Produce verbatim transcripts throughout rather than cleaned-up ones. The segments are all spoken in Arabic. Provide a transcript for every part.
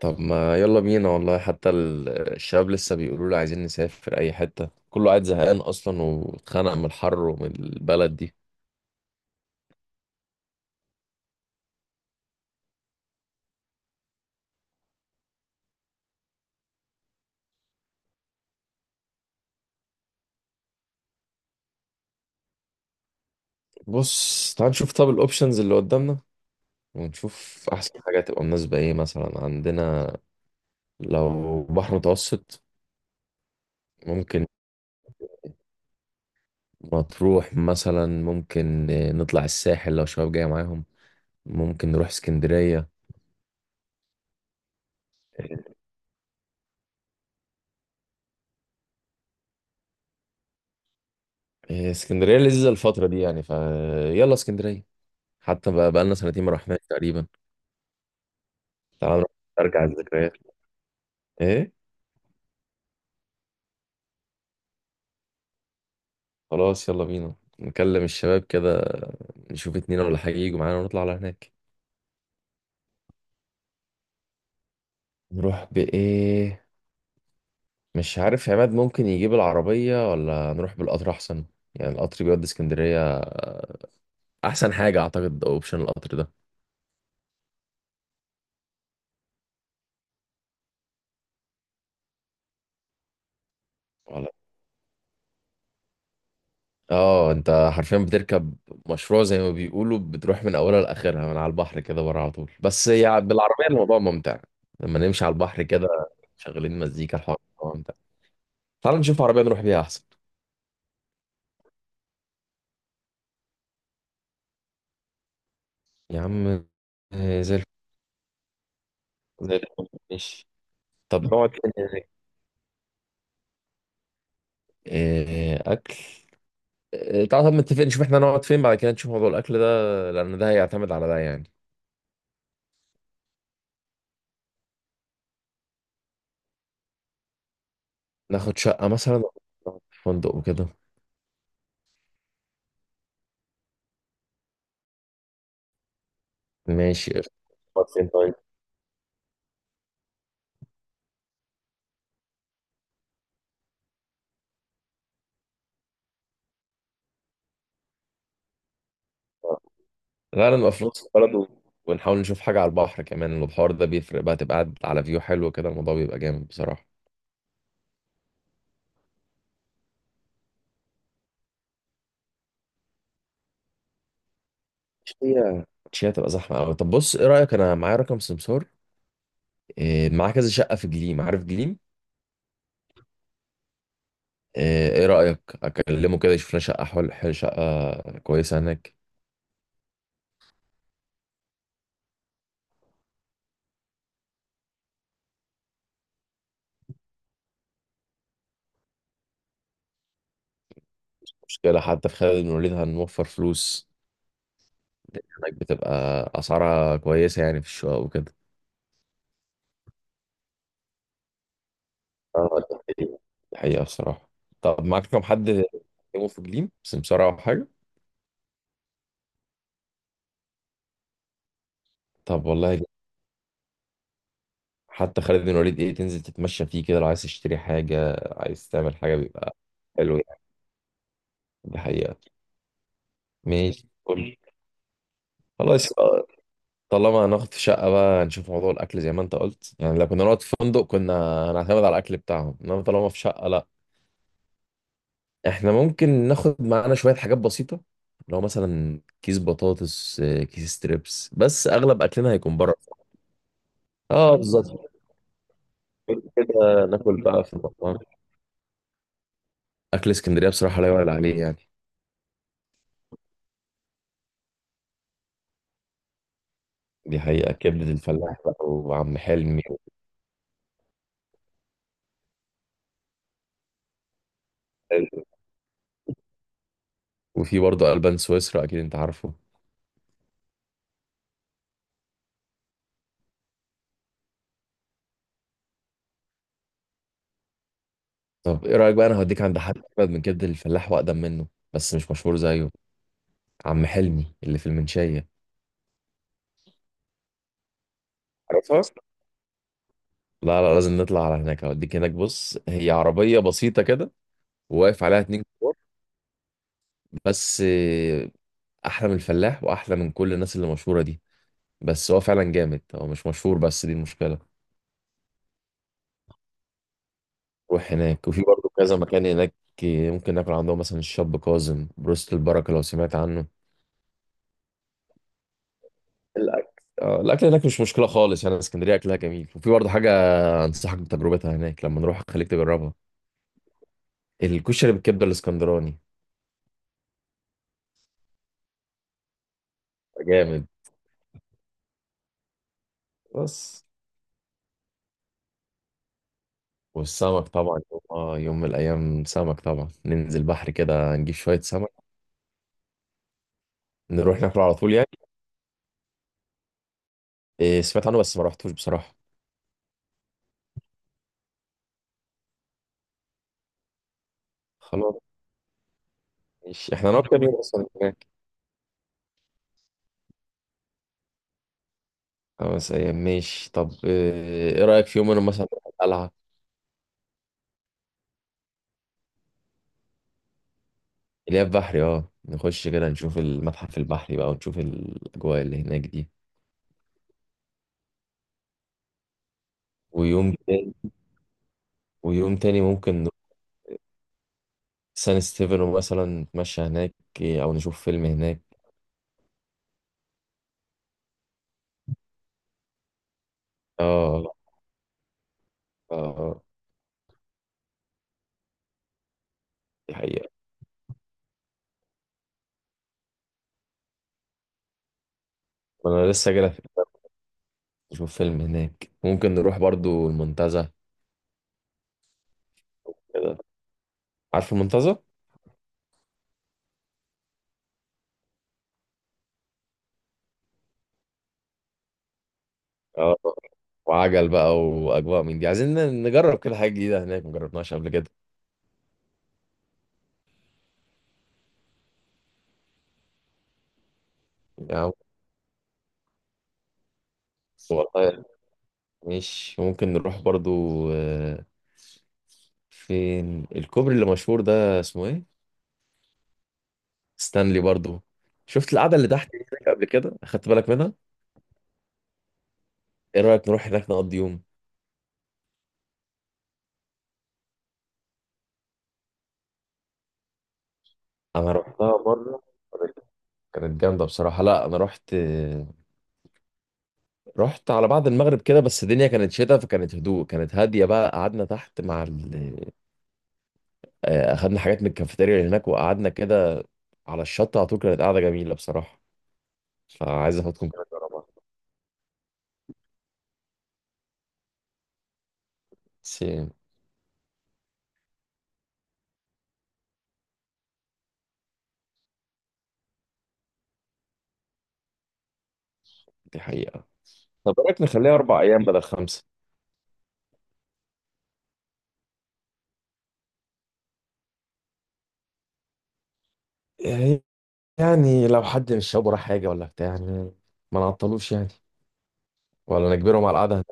طب ما يلا بينا والله حتى ال- الشباب لسه بيقولوا لي عايزين نسافر اي حتة، كله قاعد زهقان اصلا واتخنق من الحر ومن البلد دي. بص، تعال نشوف طب الاوبشنز اللي قدامنا، ونشوف احسن حاجة تبقى مناسبة ايه مثلا عندنا. لو بحر متوسط ممكن، مطروح مثلا ممكن، نطلع الساحل لو شباب جاية معاهم، ممكن نروح اسكندرية. إيه، اسكندرية لذيذة الفترة دي يعني، فيلا اسكندرية حتى بقى، بقالنا سنتين ما رحناش تقريبا. تعال نروح نرجع الذكريات، ايه. خلاص يلا بينا نكلم الشباب كده، نشوف اتنين ولا حاجة يجوا معانا ونطلع على هناك. نروح بإيه؟ مش عارف، عماد ممكن يجيب العربية ولا نروح بالقطر أحسن. يعني القطر بيودي اسكندرية، أحسن حاجة أعتقد أوبشن القطر ده. ولا، اه انت حرفيا بتركب مشروع زي ما بيقولوا، بتروح من اولها لاخرها من على البحر كده بره على طول، بس يعني بالعربيه الموضوع ممتع لما نمشي على البحر كده، شغالين مزيكا الحوار، ممتع. تعال نشوف عربية نروح بيها أحسن. يا عم، آه، زي الفل. زي الفل ماشي. طب نقعد فين هناك؟ آه، أكل. آه، تعال طب، متفق نشوف احنا نقعد فين بعد كده نشوف موضوع الأكل ده، لأن ده هيعتمد على ده يعني. ناخد شقة مثلا أو نقعد في فندق وكده. ماشي قشطة. نقعد فين طيب؟ غالبا نبقى في نص البلد و- ونحاول نشوف حاجة على البحر كمان، البحر ده بيفرق بقى، تبقى قاعد على فيو حلو كده الموضوع بيبقى جامد بصراحة. هي مش هي هتبقى زحمة أوي؟ طب بص، إيه رأيك، أنا معايا رقم سمسار، إيه، معاه كذا شقة في جليم، عارف جليم؟ ايه، إيه رأيك اكلمه كده يشوف لنا شقة، حول حل- شقة كويسة هناك. مشكلة، حتى في خالد بن الوليد هنوفر فلوس، لأن هناك بتبقى اسعارها كويسة يعني في الشقق وكده. اه ده حقيقة، ده حقيقة بصراحة. طب معاك كم حد يكلمه في جليم بس بسرعة أو حاجة؟ طب والله جامد. حتى خالد بن الوليد، ايه، تنزل تتمشى فيه كده، لو عايز تشتري حاجة عايز تعمل حاجة بيبقى حلو يعني. ده حقيقة. ماشي قول لي. خلاص، طالما هناخد في شقة بقى نشوف موضوع الأكل زي ما أنت قلت. يعني لو كنا نقعد في فندق كنا هنعتمد على الأكل بتاعهم، إنما طالما في شقة، لأ، إحنا ممكن ناخد معانا شوية حاجات بسيطة. لو مثلا كيس بطاطس، آه، كيس ستريبس، بس أغلب أكلنا هيكون بره. أه بالظبط، كده ناكل بقى في المطعم. أكل اسكندرية بصراحة لا يعلى عليه يعني. دي حقيقة، كبدة الفلاح بقى وعم حلمي. وفي برضه ألبان سويسرا، أكيد أنت عارفه. طب إيه رأيك بقى، أنا هوديك عند حد أجمد من كبدة الفلاح وأقدم منه، بس مش مشهور زيه. عم حلمي اللي في المنشية. عارفها؟ لا لا، لازم نطلع على هناك، هوديك هناك. بص، هي عربية بسيطة كده وواقف عليها اتنين كبار، بس آه، أحلى من الفلاح وأحلى من كل الناس اللي مشهورة دي. بس هو فعلا جامد، هو مش مشهور بس دي المشكلة. روح هناك، وفي برضه كذا مكان هناك. آه، ممكن ناكل عندهم مثلا الشاب كاظم، بروست البركة لو سمعت عنه. الأكل، آه، الأكل هناك مش مشكلة خالص يعني، اسكندرية أكلها جميل. وفي برضه حاجة أنصحك بتجربتها هناك، لما نروح خليك تجربها، الكشري بالكبدة الإسكندراني. جامد. بس والسمك طبعا، يوم آه، يوم من الأيام سمك طبعا، ننزل بحر كده نجيب شوية سمك نروح ناكله على طول يعني. إيه سمعت عنه بس ما رحتوش بصراحة. خلاص ماشي، احنا هنقعد كام يوم أصلا هناك؟ خمس أيام ماشي. طب إيه، إيه رأيك في يوم منهم مثلا نروح القلعة، اللي هي البحري، اه نخش كده نشوف المتحف البحري بقى ونشوف الأجواء اللي هناك دي. ويوم تاني ويوم تاني ممكن نروح سان ستيفن مثلا نتمشى هناك. إيه، أو نشوف فيلم هناك. اه آه، آه، دي حقيقة، انا لسه جاي نشوف فيلم هناك. ممكن نروح برضو المنتزه كده. عارف المنتزه؟ اه، وعجل بقى واجواء من دي عايزين نجرب كده حاجه جديده هناك ما جربناش قبل كده يعني. بس والله، مش ممكن نروح برضو، آه، فين الكوبري اللي مشهور ده اسمه ايه؟ ستانلي برضو. شفت القعده اللي تحت دي هناك قبل كده، اخدت بالك منها؟ ايه رايك نروح هناك نقضي يوم؟ انا رحتها مره، كانت كانت جامده بصراحه. لا انا رحت، رحت على بعد المغرب كده، بس الدنيا كانت شتاء فكانت هدوء، كانت هادية بقى، قعدنا تحت مع ال... آه، أخدنا حاجات من الكافيتيريا اللي هناك وقعدنا كده على الشط على طول، كانت قاعدة جميلة بصراحة. فعايز أخدكم كده تجربها. بس دي حقيقة. طب إيه رأيك نخليها أربع أيام بدل خمسة؟ يعني يعني لو حد من الشباب وراه حاجة ولا بتاع يعني، ما نعطلوش يعني، ولا نجبرهم على القعدة.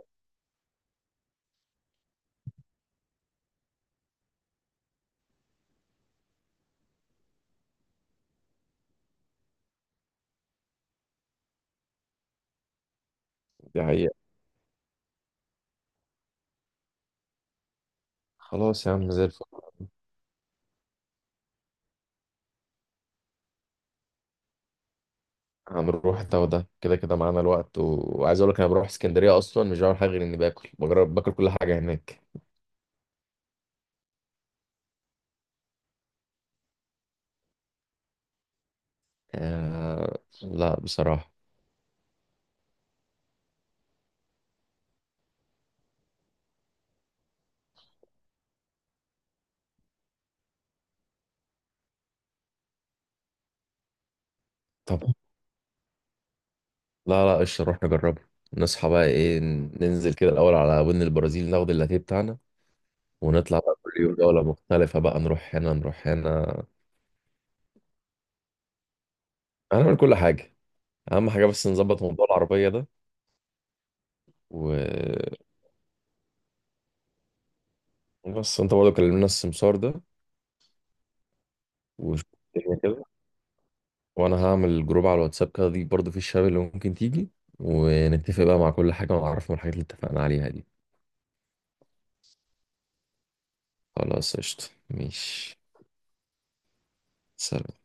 دي حقيقة. خلاص يا عم زي الفل. هنروح ده وده، كده كده معانا الوقت و... وعايز اقول لك انا بروح اسكندريه اصلا مش بعمل حاجه غير اني باكل، بجرب باكل كل حاجه هناك. آه... لا بصراحه. طب لا لا، قشطه نروح نجربه. نصحى بقى ايه، ننزل كده الاول على ودن البرازيل ناخد اللاتيه بتاعنا، ونطلع بقى كل يوم دوله مختلفه، بقى نروح هنا نروح هنا، هنعمل كل حاجه. اهم حاجه بس نظبط موضوع العربيه ده و- وبس انت برضه كلمنا السمسار ده، وشوف الدنيا كده. وانا هعمل جروب على الواتساب كده، دي برضه في الشباب اللي ممكن تيجي ونتفق بقى مع كل حاجة ونعرفهم الحاجات اللي اتفقنا عليها دي. خلاص قشطة ماشي. سلام.